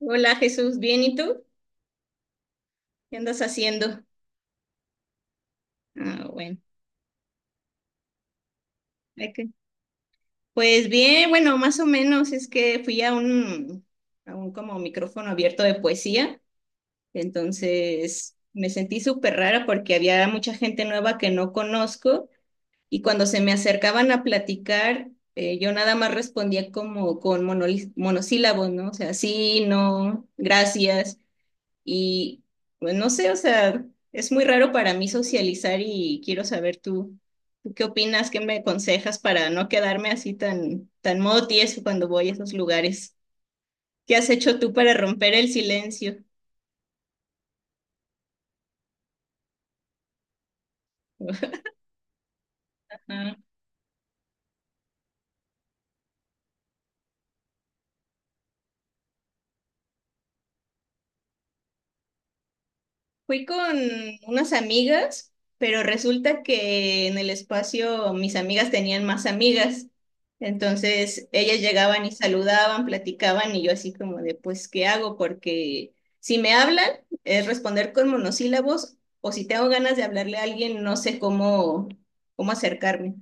Hola Jesús, ¿bien y tú? ¿Qué andas haciendo? Ah, bueno. Ok. Pues bien, bueno, más o menos es que fui a un como micrófono abierto de poesía, entonces me sentí súper rara porque había mucha gente nueva que no conozco y cuando se me acercaban a platicar, yo nada más respondía como con monosílabos, ¿no? O sea, sí, no, gracias. Y bueno, no sé, o sea, es muy raro para mí socializar y quiero saber tú, ¿tú qué opinas, qué me aconsejas para no quedarme así tan, tan modo tieso cuando voy a esos lugares? ¿Qué has hecho tú para romper el silencio? Fui con unas amigas, pero resulta que en el espacio mis amigas tenían más amigas. Entonces ellas llegaban y saludaban, platicaban y yo así como de, pues, ¿qué hago? Porque si me hablan es responder con monosílabos, o si tengo ganas de hablarle a alguien no sé cómo, cómo acercarme.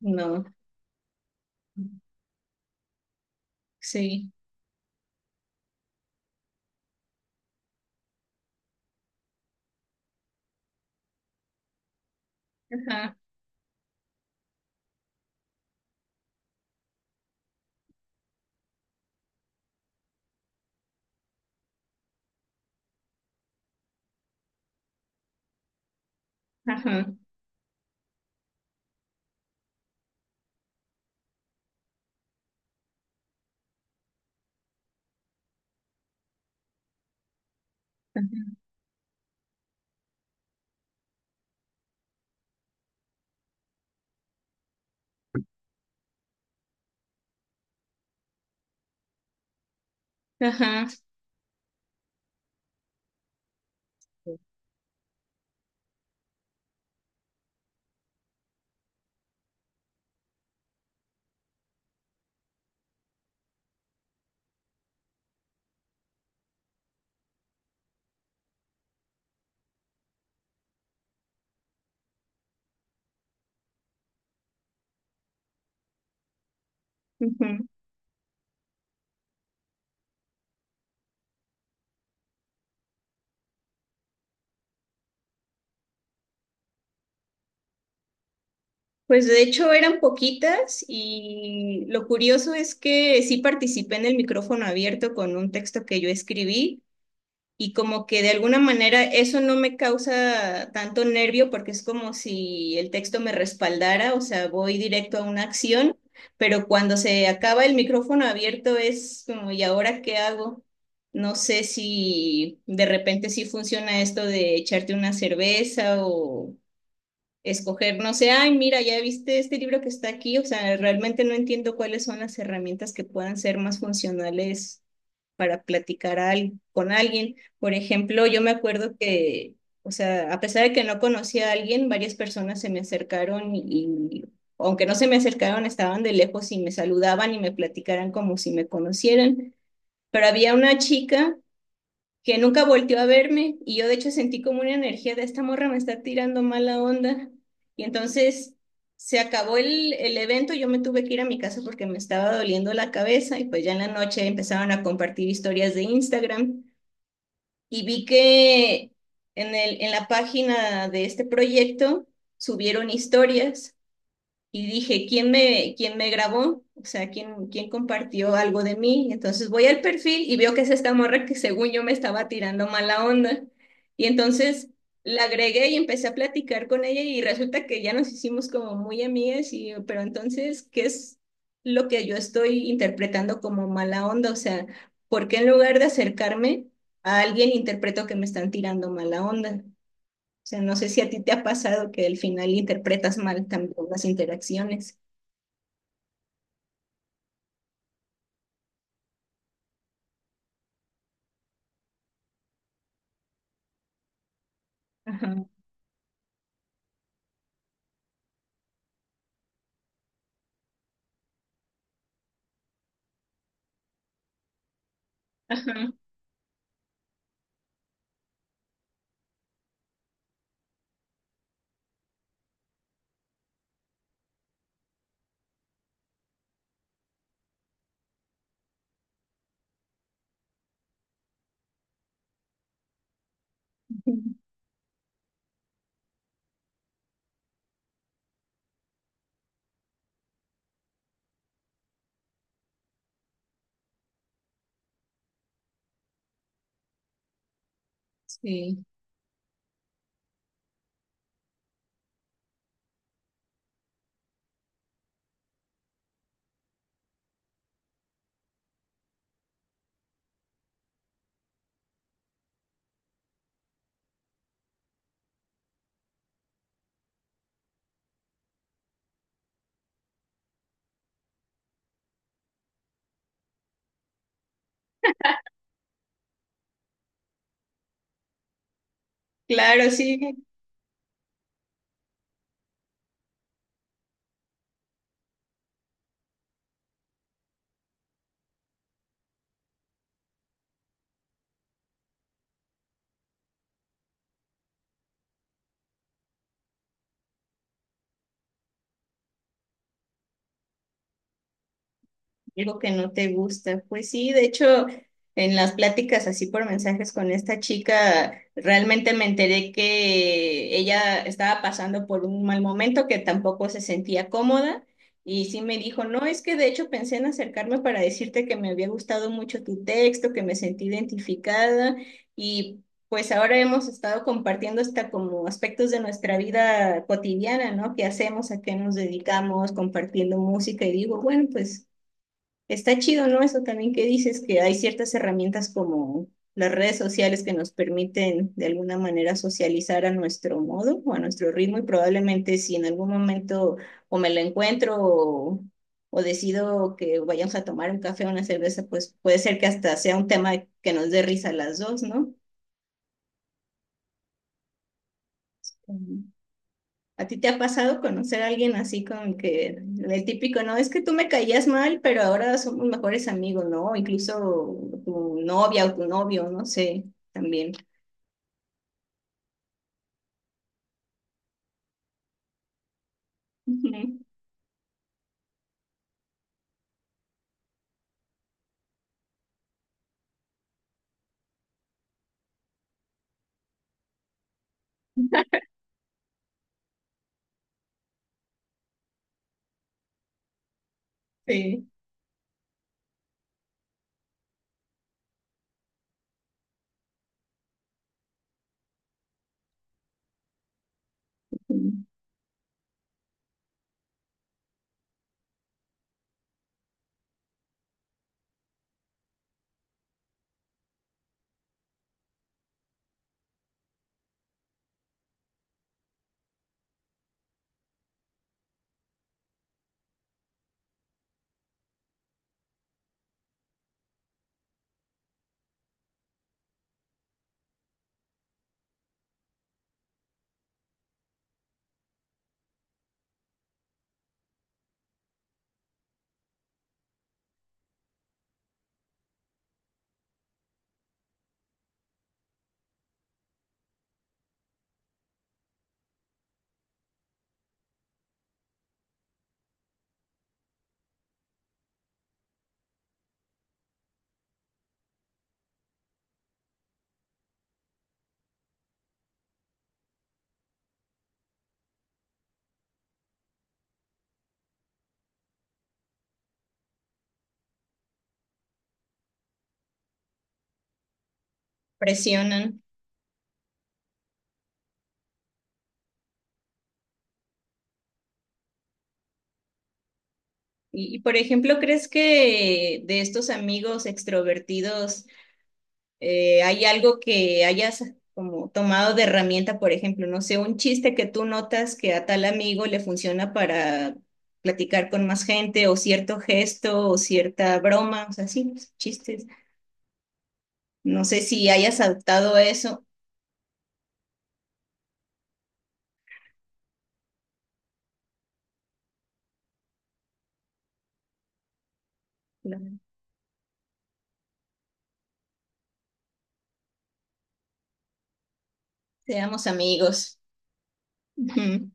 No, sí. Ajá, ajá, ajá, ajá, sí. Ujú. Pues de hecho eran poquitas y lo curioso es que sí participé en el micrófono abierto con un texto que yo escribí, y como que de alguna manera eso no me causa tanto nervio porque es como si el texto me respaldara, o sea, voy directo a una acción, pero cuando se acaba el micrófono abierto es como, ¿y ahora qué hago? No sé si de repente sí funciona esto de echarte una cerveza o escoger, no sé, ay, mira, ya viste este libro que está aquí, o sea, realmente no entiendo cuáles son las herramientas que puedan ser más funcionales para platicar con alguien. Por ejemplo, yo me acuerdo que, o sea, a pesar de que no conocía a alguien, varias personas se me acercaron y, aunque no se me acercaron, estaban de lejos y me saludaban y me platicaran como si me conocieran. Pero había una chica que nunca volteó a verme y yo de hecho sentí como una energía de esta morra me está tirando mala onda. Y entonces se acabó el evento, yo me tuve que ir a mi casa porque me estaba doliendo la cabeza y pues ya en la noche empezaron a compartir historias de Instagram y vi que en la página de este proyecto subieron historias y dije, quién me grabó? O sea, quién compartió algo de mí? Entonces voy al perfil y veo que es esta morra que según yo me estaba tirando mala onda. Y entonces la agregué y empecé a platicar con ella y resulta que ya nos hicimos como muy amigas y yo, pero entonces, ¿qué es lo que yo estoy interpretando como mala onda? O sea, ¿por qué en lugar de acercarme a alguien interpreto que me están tirando mala onda? O sea, no sé si a ti te ha pasado que al final interpretas mal también las interacciones. Ajá, ajá. Sí, claro, sí, algo que no te gusta. Pues sí, de hecho, en las pláticas así por mensajes con esta chica, realmente me enteré que ella estaba pasando por un mal momento, que tampoco se sentía cómoda. Y sí me dijo, no, es que de hecho pensé en acercarme para decirte que me había gustado mucho tu texto, que me sentí identificada, y pues ahora hemos estado compartiendo hasta como aspectos de nuestra vida cotidiana, ¿no? ¿Qué hacemos? ¿A qué nos dedicamos? Compartiendo música y digo, bueno, pues está chido, ¿no? Eso también que dices, que hay ciertas herramientas como las redes sociales que nos permiten de alguna manera socializar a nuestro modo o a nuestro ritmo, y probablemente si en algún momento o me lo encuentro, o decido que vayamos a tomar un café o una cerveza, pues puede ser que hasta sea un tema que nos dé risa a las dos, ¿no? ¿A ti te ha pasado conocer a alguien así con que el típico, no, es que tú me caías mal, pero ahora somos mejores amigos, ¿no? O incluso tu novia o tu novio, no sé, también. Ujú, sí. Ujú. Presionan. Por ejemplo, ¿crees que de estos amigos extrovertidos hay algo que hayas como tomado de herramienta? Por ejemplo, no sé, un chiste que tú notas que a tal amigo le funciona para platicar con más gente, o cierto gesto, o cierta broma, o sea, sí, chistes. No sé si hayas adoptado eso. Claro. Seamos amigos. Ujú.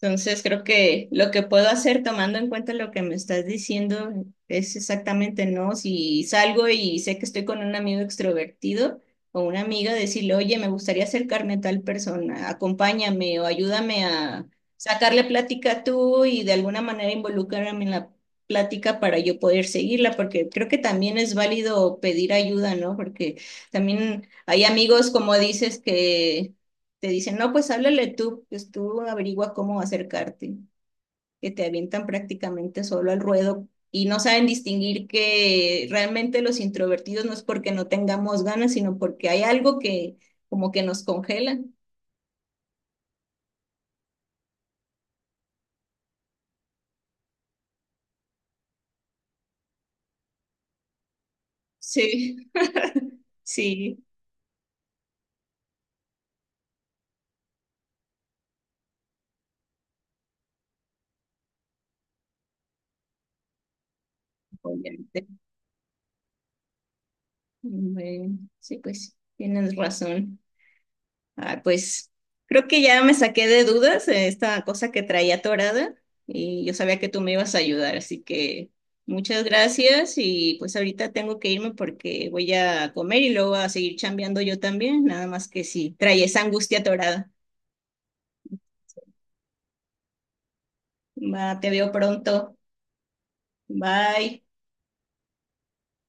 Entonces creo que lo que puedo hacer tomando en cuenta lo que me estás diciendo es exactamente, ¿no? Si salgo y sé que estoy con un amigo extrovertido o una amiga, decirle, oye, me gustaría acercarme a tal persona, acompáñame o ayúdame a sacarle plática tú, y de alguna manera involucrarme en la plática para yo poder seguirla, porque creo que también es válido pedir ayuda, ¿no? Porque también hay amigos, como dices, que te dicen, no, pues háblale tú, pues tú averigua cómo acercarte, que te avientan prácticamente solo al ruedo y no saben distinguir que realmente los introvertidos no es porque no tengamos ganas, sino porque hay algo que como que nos congela. Sí, sí, obviamente. Bueno, sí, pues tienes razón. Ah, pues creo que ya me saqué de dudas, esta cosa que traía atorada, y yo sabía que tú me ibas a ayudar, así que muchas gracias, y pues ahorita tengo que irme porque voy a comer y luego a seguir chambeando yo también, nada más que si traía esa angustia atorada. Va, te veo pronto. Bye.